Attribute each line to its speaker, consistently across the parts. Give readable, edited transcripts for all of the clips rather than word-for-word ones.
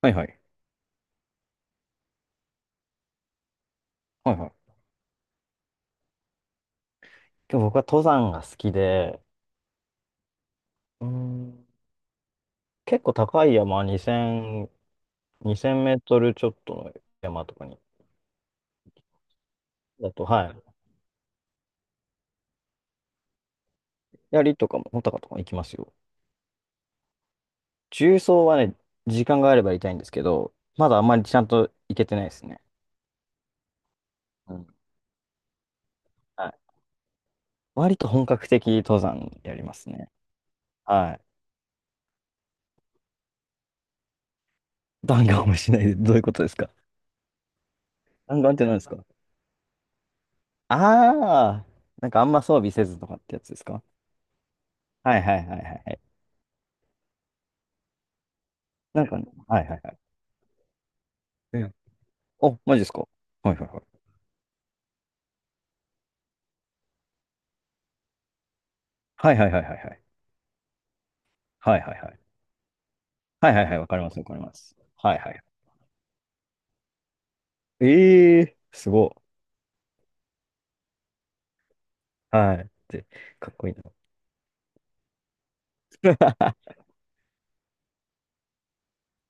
Speaker 1: はいはい。はいはい。で僕は登山が好きで、うーん、結構高い山、2000、2メートルちょっとの山とかに、だと、はい。槍とかも、穂高とかも行きますよ。縦走はね、時間があれば行きたいんですけど、まだあんまりちゃんと行けてないですね。うん。はい。割と本格的登山やりますね。はい。弾丸もしないで、どういうことですか？弾丸って何ですか？ああー、なんかあんま装備せずとかってやつですか？はいはいはいはいはい。なんかね、はいはいはい。ええ、お、マジですか？はいはいはい。はいはいはいはいはい。はいはいはい。はいはいはい、わかります、わかります。はいはい。ええー、すごい。はい。って、かっこいいな。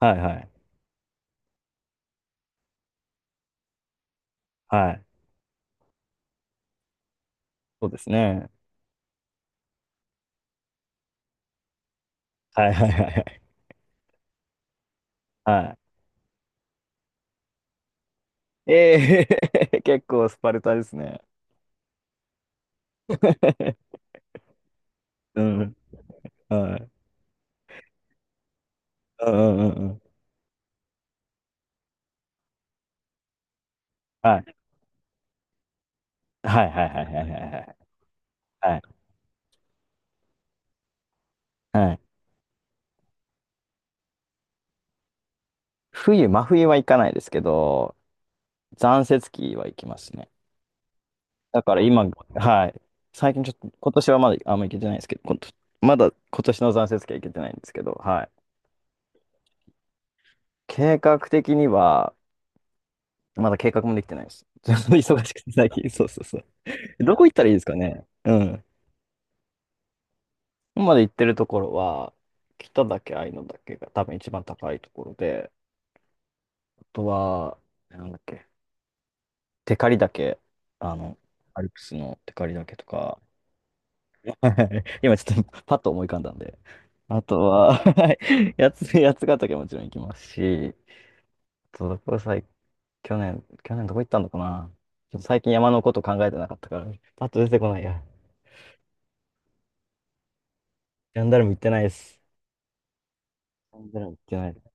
Speaker 1: はいはい。はい。そうですね。はいはいはいはい。はい。ええー、結構スパルタですね。うん。はい。うんうんうんうん。はい。はいはいはいはいはいはい。はい。はい。真冬は行かないですけど、残雪期は行きますね。だから今、はい。最近ちょっと、今年はまだあんま行けてないんですけど、まだ今年の残雪期は行けてないんですけど、はい。計画的には、まだ計画もできてないです。ちょっと忙しくて最近、そうそうそう。どこ行ったらいいですかね？うん。今まで行ってるところは、北岳、愛の岳が多分一番高いところで、あとは、なんだっけ、テカリ岳、あの、アルプスのテカリ岳とか、はい、今ちょっとパッと思い浮かんだんで。あとは、はい、やつがたけもちろん行きますし、あとどこさい、去年どこ行ったのかな？ちょっと最近山のこと考えてなかったから、パッと出てこないや。ジャンダルム行ってないです。ジャンダルム行ってない。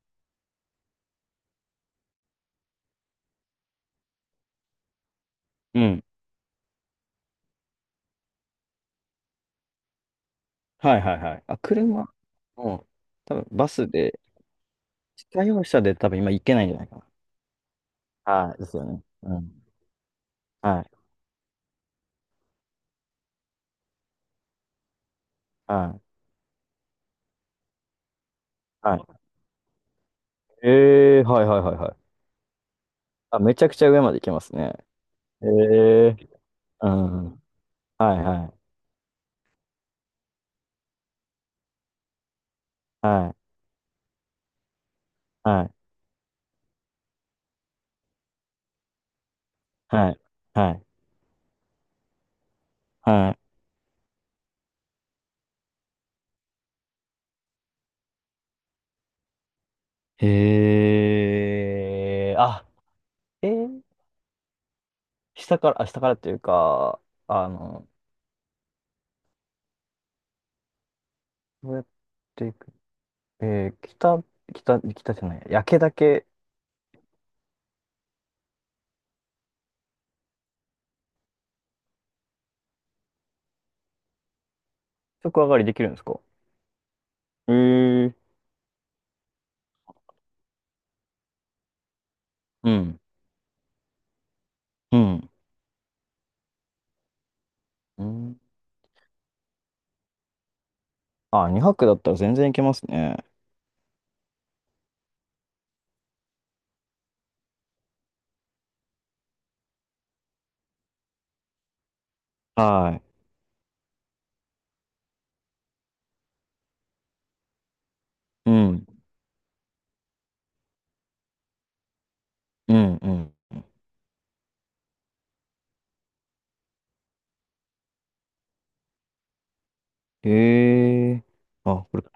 Speaker 1: うん。はいはいはい。あ、車も、多分バスで、自家用車で多分今行けないんじゃないかな。はい、ですよね。うん。はい、はい、はい。はいはいはいはい。あ、めちゃくちゃ上まで行けますね。えー、うん。はいはいはいはいはいはいはい。へえ、あ、えー、下からっていうか、あの、どうやっていく、えー、北、北じゃない、焼けだけ食上がりできるんですか？えー、うん、うん、うん。あ、2泊だったら全然いけますね。はい。うん、うん、うん。へえ、あ、これか。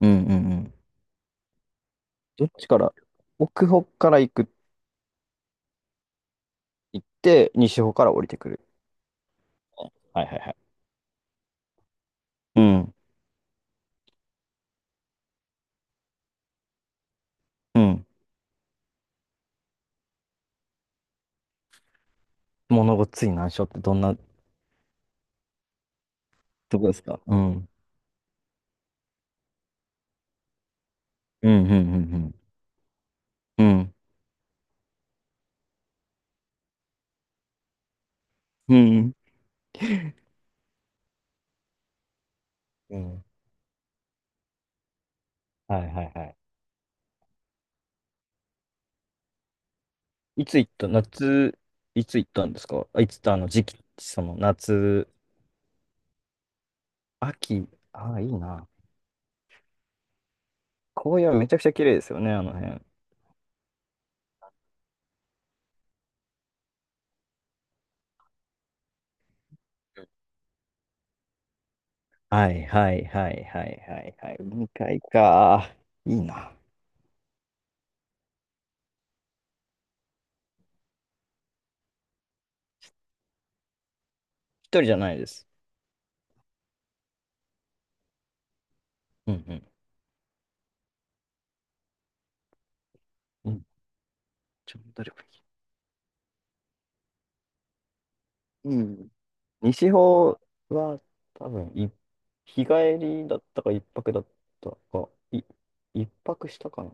Speaker 1: うん、うん、うん。どっちから、奥方から行って、西方から降りてくる。はいはいはい。うん。うん。物ごっつい難所ってどんなとこですか？うん。うん、うん、うん、うん。うん。うん。うん。はいはいはい。いつ行った夏、いつ行ったんですか？あいつあの時期、その夏、秋、ああ、いいな。紅葉めちゃくちゃ綺麗ですよね、あの辺。はいはいはいはいはいはい。海か。いいな。一人じゃないです。うんうん。うん。ちょっと誰か。うん。西方は多分日帰りだったか一泊だったか、一泊したかな。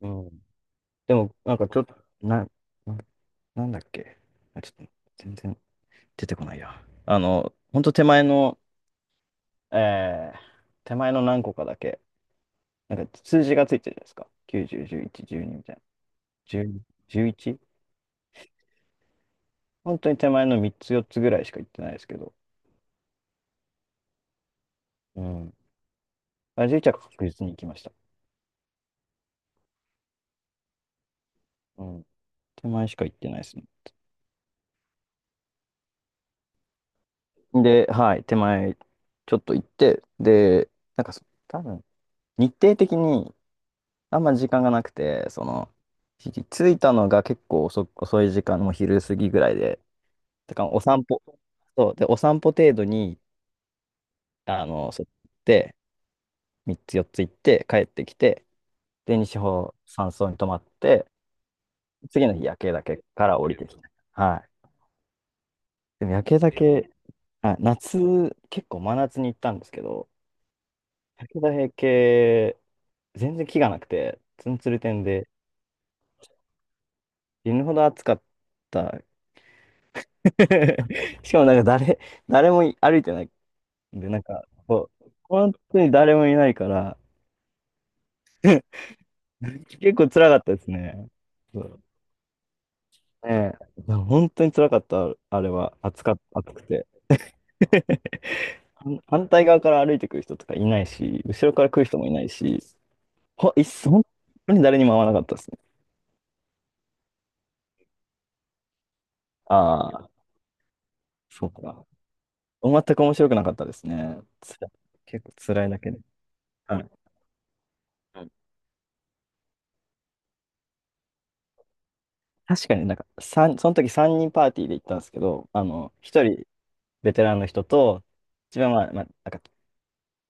Speaker 1: うん。でも、なんかちょっと、な、な、なんだっけ。あ、ちょっと全然出てこないや。あの、ほんとえー、手前の何個かだけ、なんか数字がついてるじゃないですか。90、11、12みたいな。10、11? 本当に手前の3つ、4つぐらいしか行ってないですけど。うん。あ、11は確実に行きました。うん。手前しか行ってないですね。で、はい、手前、ちょっと行って、で、なんかそ、多分、日程的にあんま時間がなくて、着いたのが結構遅い時間、もう昼過ぎぐらいで、だからお散歩、そう、で、お散歩程度に、そう行って、3つ4つ行って、帰ってきて、で、西方山荘に泊まって、次の日、夜景岳から降りてきた。はい。でも夜景だ岳、はい、夏、結構真夏に行ったんですけど、武田平家、全然気がなくて、ツンツル天で、死ぬほど暑かった。しかもなんか誰も歩いてないんで、なんか、こう、本当に誰もいないから、結構辛かったですね。そう。ねえ、本当に辛かった、あれは。暑かっ暑くて。反対側から歩いてくる人とかいないし、後ろから来る人もいないし、ほ、いっ本当に誰にも会わなかったですね。ああ、そうか。全く面白くなかったですね。結構辛いだけで。はい。確かになんか、その時3人パーティーで行ったんですけど、1人ベテランの人と、一番まあ、まあ、なんか、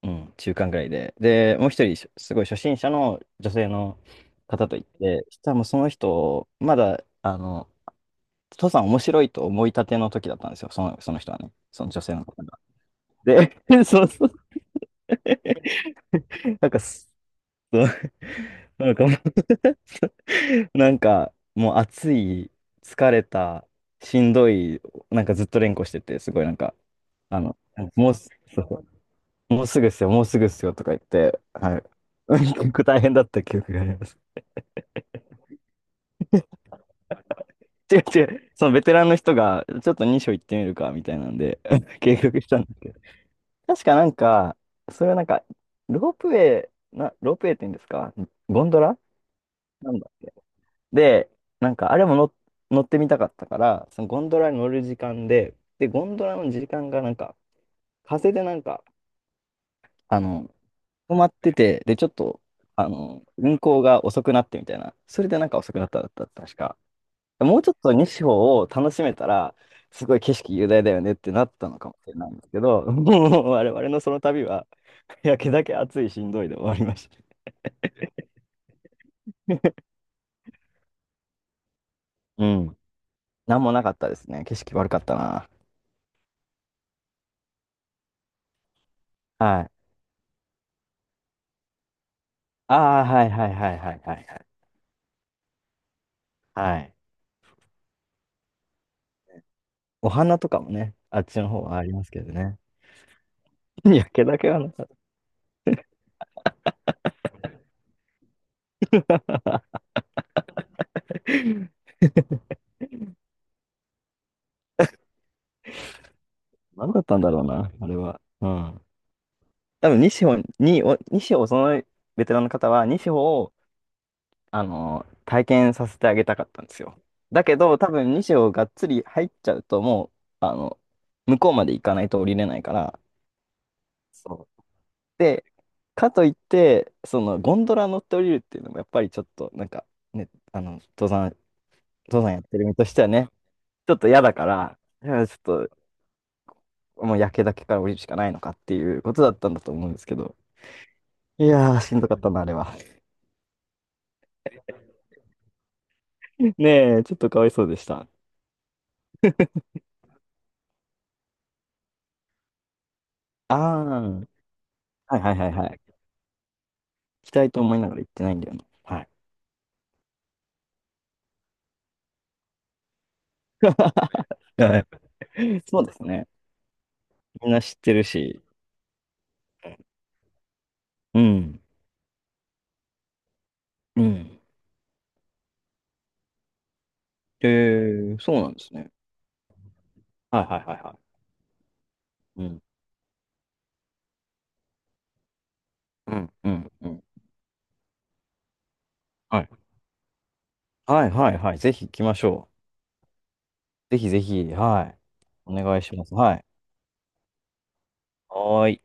Speaker 1: うん、中間ぐらいで、で、もう一人、すごい初心者の女性の方と行って、そしたらもうその人、まだ、父さん面白いと思いたての時だったんですよ、その人はね、その女性の方が。で、そうそう。なんか、そうなんかもう。 なんか、もう暑い、疲れた、しんどい、なんかずっと連呼してて、すごいなんか、あの、もうす、そう、もうすぐっすよ、もうすぐっすよとか言って、はい。結構大変だった記憶があります。違う違う、そのベテランの人が、ちょっと2章行ってみるか、みたいなんで、計画したんですけど。確かなんか、それはなんか、ロープウェロープウェイって言うんですか？ゴンドラなんだ。で、なんかあれも乗ってみたかったから、そのゴンドラに乗る時間で、ゴンドラの時間がなんか、風でなんか、あの、止まってて、で、ちょっと、運行が遅くなってみたいな、それでなんか遅くなったんだった、確か。もうちょっと西方を楽しめたら、すごい景色雄大だよねってなったのかもしれないんですけど、もう我々のその旅は、焼けだけ暑いしんどいで終わりました。うん。なんもなかったですね。景色悪かったな。はい。ああ、はいはいはいはいはいはい。はい。お花とかもね、あっちの方はありますけどね。いやけだけはなかった。何だったんだろうな、あれは。うん。多分、西穂に、お西穂、そのベテランの方は、西穂を、体験させてあげたかったんですよ。だけど、多分、西穂がっつり入っちゃうと、もう、向こうまで行かないと降りれないから、そうで、かといって、そのゴンドラ乗って降りるっていうのもやっぱりちょっとなんかね、登山やってる身としてはね、ちょっと嫌だから、いやちょっともう焼けだけから降りるしかないのかっていうことだったんだと思うんですけど。いやー、しんどかったな、あれは。ねえ、ちょっとかわいそうでした。ああ、はいはいはいはい。行きたいと思いながら行ってないんだよな。はい。はい、そうですね。みんな知ってるし。うん。うん。えそうなんですね。はいはいはいはい。うん。うんうんうん。はい。はいはいはい。ぜひ行きましょう。ぜひぜひ。はい。お願いします。はい。はーい。